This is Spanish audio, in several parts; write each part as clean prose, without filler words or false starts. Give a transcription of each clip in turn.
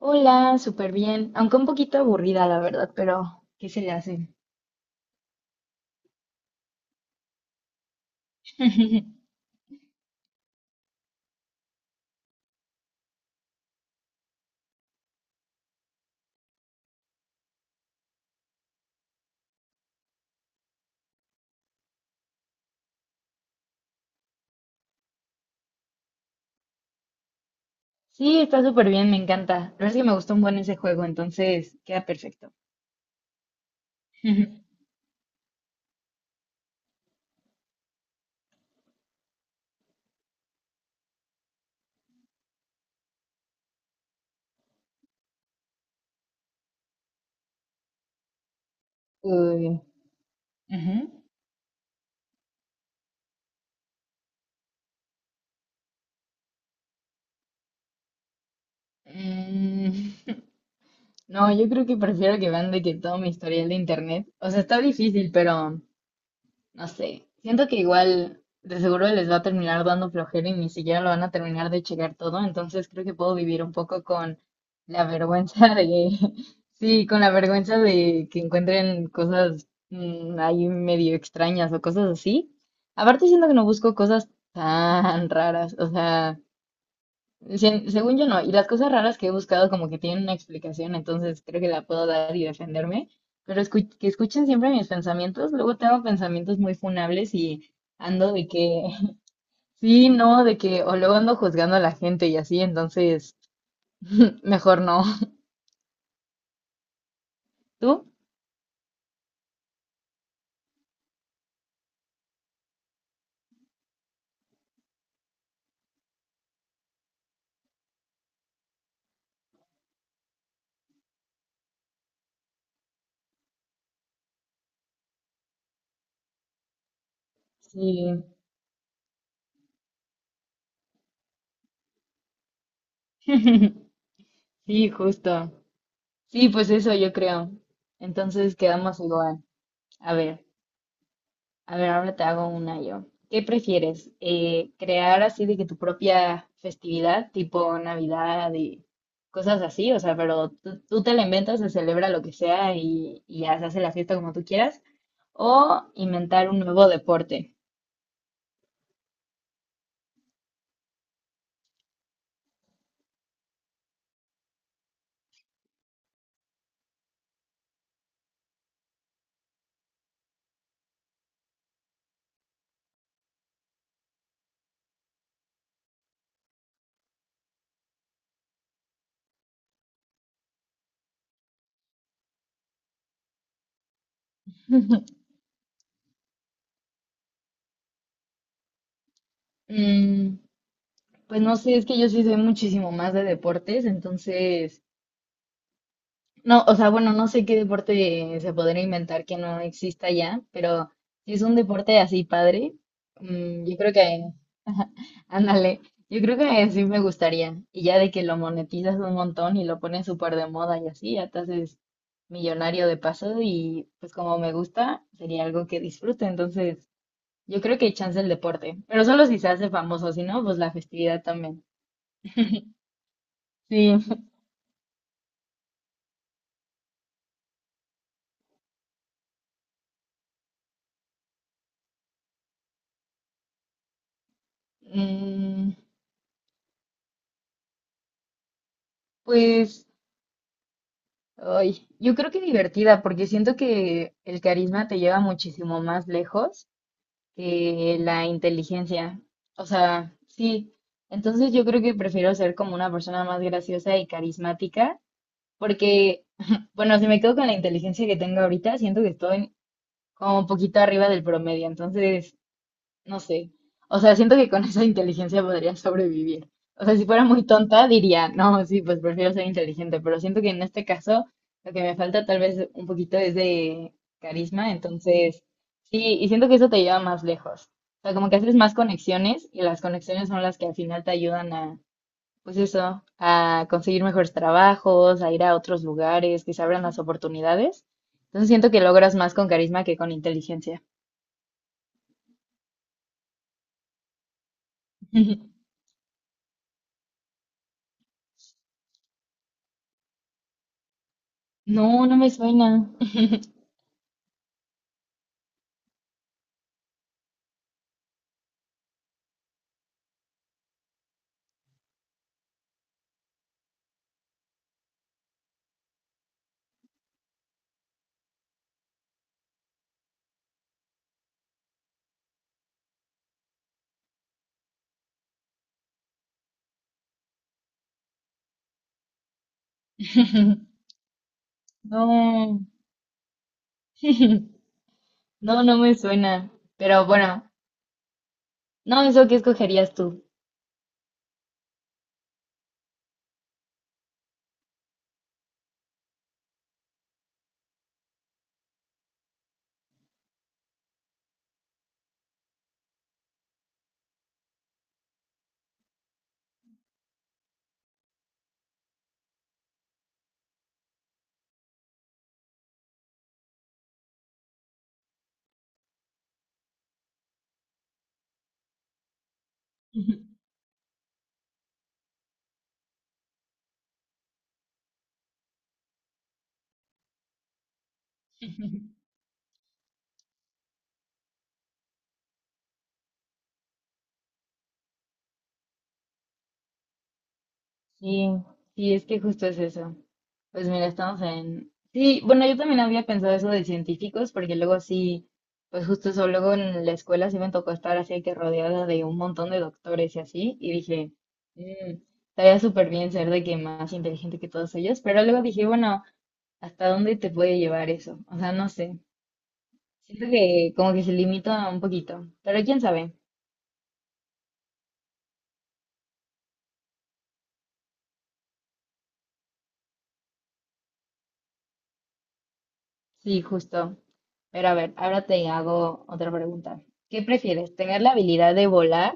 Hola, súper bien, aunque un poquito aburrida, la verdad, pero ¿qué se le hace? Sí, está súper bien, me encanta. La verdad es que me gustó un buen ese juego, entonces queda perfecto. Uy, ujú. mm, no, yo creo que prefiero que vean de que todo mi historial de internet. O sea, está difícil, pero no sé, siento que igual de seguro les va a terminar dando flojera y ni siquiera lo van a terminar de checar todo, entonces creo que puedo vivir un poco con la vergüenza de, sí, con la vergüenza de que encuentren cosas ahí medio extrañas o cosas así. Aparte siento que no busco cosas tan raras, o sea, según yo no, y las cosas raras que he buscado como que tienen una explicación, entonces creo que la puedo dar y defenderme, pero que escuchen siempre mis pensamientos, luego tengo pensamientos muy funables y ando de que, sí, no, de que, o luego ando juzgando a la gente y así, entonces mejor no. ¿Tú? Sí, sí, justo. Sí, pues eso yo creo. Entonces quedamos igual. A ver. A ver, ahora te hago una yo. ¿Qué prefieres? ¿Crear así de que tu propia festividad, tipo Navidad y cosas así? O sea, pero tú te la inventas, se celebra lo que sea y ya se hace la fiesta como tú quieras. ¿O inventar un nuevo deporte? Mm, pues no sé, es que yo sí soy muchísimo más de deportes, entonces no, o sea, bueno, no sé qué deporte se podría inventar que no exista ya, pero si es un deporte así padre, yo creo que, ándale, yo creo que sí me gustaría. Y ya de que lo monetizas un montón y lo pones súper de moda y así, ya te haces millonario de paso y pues como me gusta, sería algo que disfrute. Entonces, yo creo que hay chance el deporte, pero solo si se hace famoso, si no, pues la festividad también. Sí. Mm, pues... Ay, yo creo que divertida, porque siento que el carisma te lleva muchísimo más lejos que la inteligencia. O sea, sí. Entonces yo creo que prefiero ser como una persona más graciosa y carismática, porque, bueno, si me quedo con la inteligencia que tengo ahorita, siento que estoy como un poquito arriba del promedio. Entonces, no sé. O sea, siento que con esa inteligencia podría sobrevivir. O sea, si fuera muy tonta, diría, no, sí, pues prefiero ser inteligente, pero siento que en este caso lo que me falta tal vez un poquito es de carisma, entonces, sí, y siento que eso te lleva más lejos. O sea, como que haces más conexiones y las conexiones son las que al final te ayudan a, pues eso, a conseguir mejores trabajos, a ir a otros lugares, que se abran las oportunidades. Entonces siento que logras más con carisma que con inteligencia. No, no me suena. No, no, no me suena. Pero bueno, no, eso que escogerías tú. Sí, sí, es que justo es eso. Pues mira, estamos en... Sí, bueno, yo también había pensado eso de científicos, porque luego sí, pues justo eso, luego en la escuela sí me tocó estar así que rodeada de un montón de doctores y así, y dije, "Mm, estaría súper bien ser de que más inteligente que todos ellos", pero luego dije, bueno, ¿hasta dónde te puede llevar eso? O sea, no sé. Siento que como que se limita un poquito, pero quién sabe. Sí, justo. Pero a ver, ahora te hago otra pregunta. ¿Qué prefieres? ¿Tener la habilidad de volar,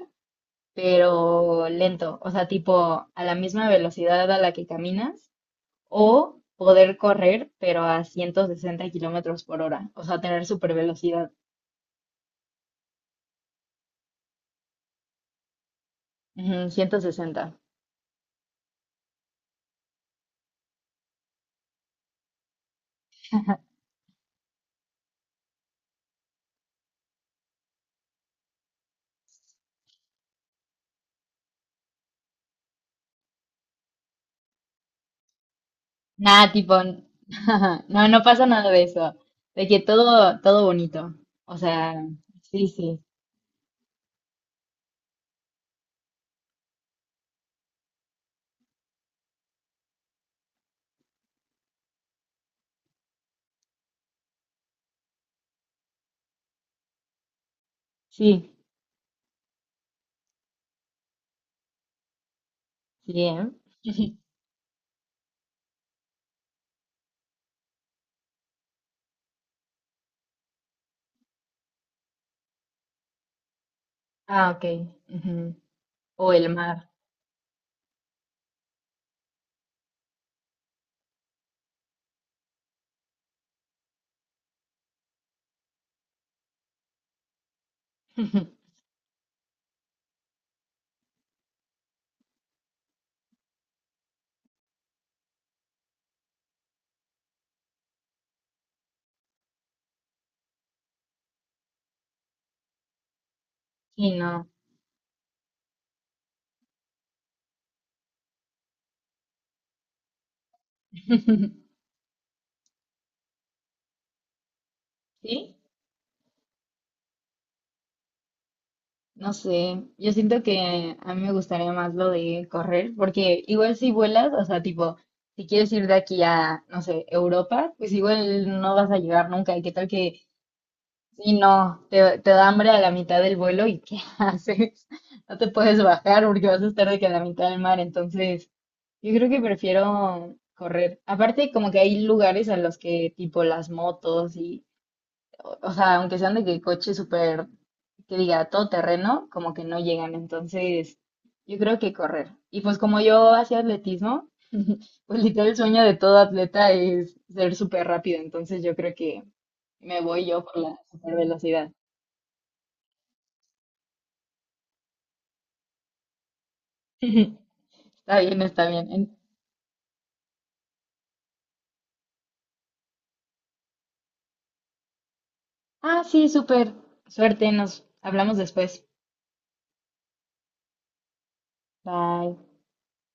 pero lento? O sea, tipo a la misma velocidad a la que caminas, o poder correr, pero a 160 kilómetros por hora. O sea, tener super velocidad. 160. Nada, tipo, no, no pasa nada de eso. De que todo, todo bonito. O sea, sí, sí, sí, sí, ¿eh? Ah, ok, ujú. O el mar. Sí, no. Sí, no sé. Yo siento que a mí me gustaría más lo de correr, porque igual si vuelas, o sea, tipo, si quieres ir de aquí a, no sé, Europa, pues igual no vas a llegar nunca. ¿Y qué tal que, si no, te da hambre a la mitad del vuelo y qué haces? No te puedes bajar porque vas a estar de que a la mitad del mar. Entonces, yo creo que prefiero correr. Aparte, como que hay lugares a los que, tipo, las motos y o sea, aunque sean de que coche súper, que diga todo terreno, como que no llegan. Entonces, yo creo que correr. Y pues como yo hacía atletismo, pues literal el sueño de todo atleta es ser súper rápido. Entonces, yo creo que me voy yo por la super velocidad. Está bien, está bien. En- Ah, sí, súper. Suerte, nos hablamos después. Bye.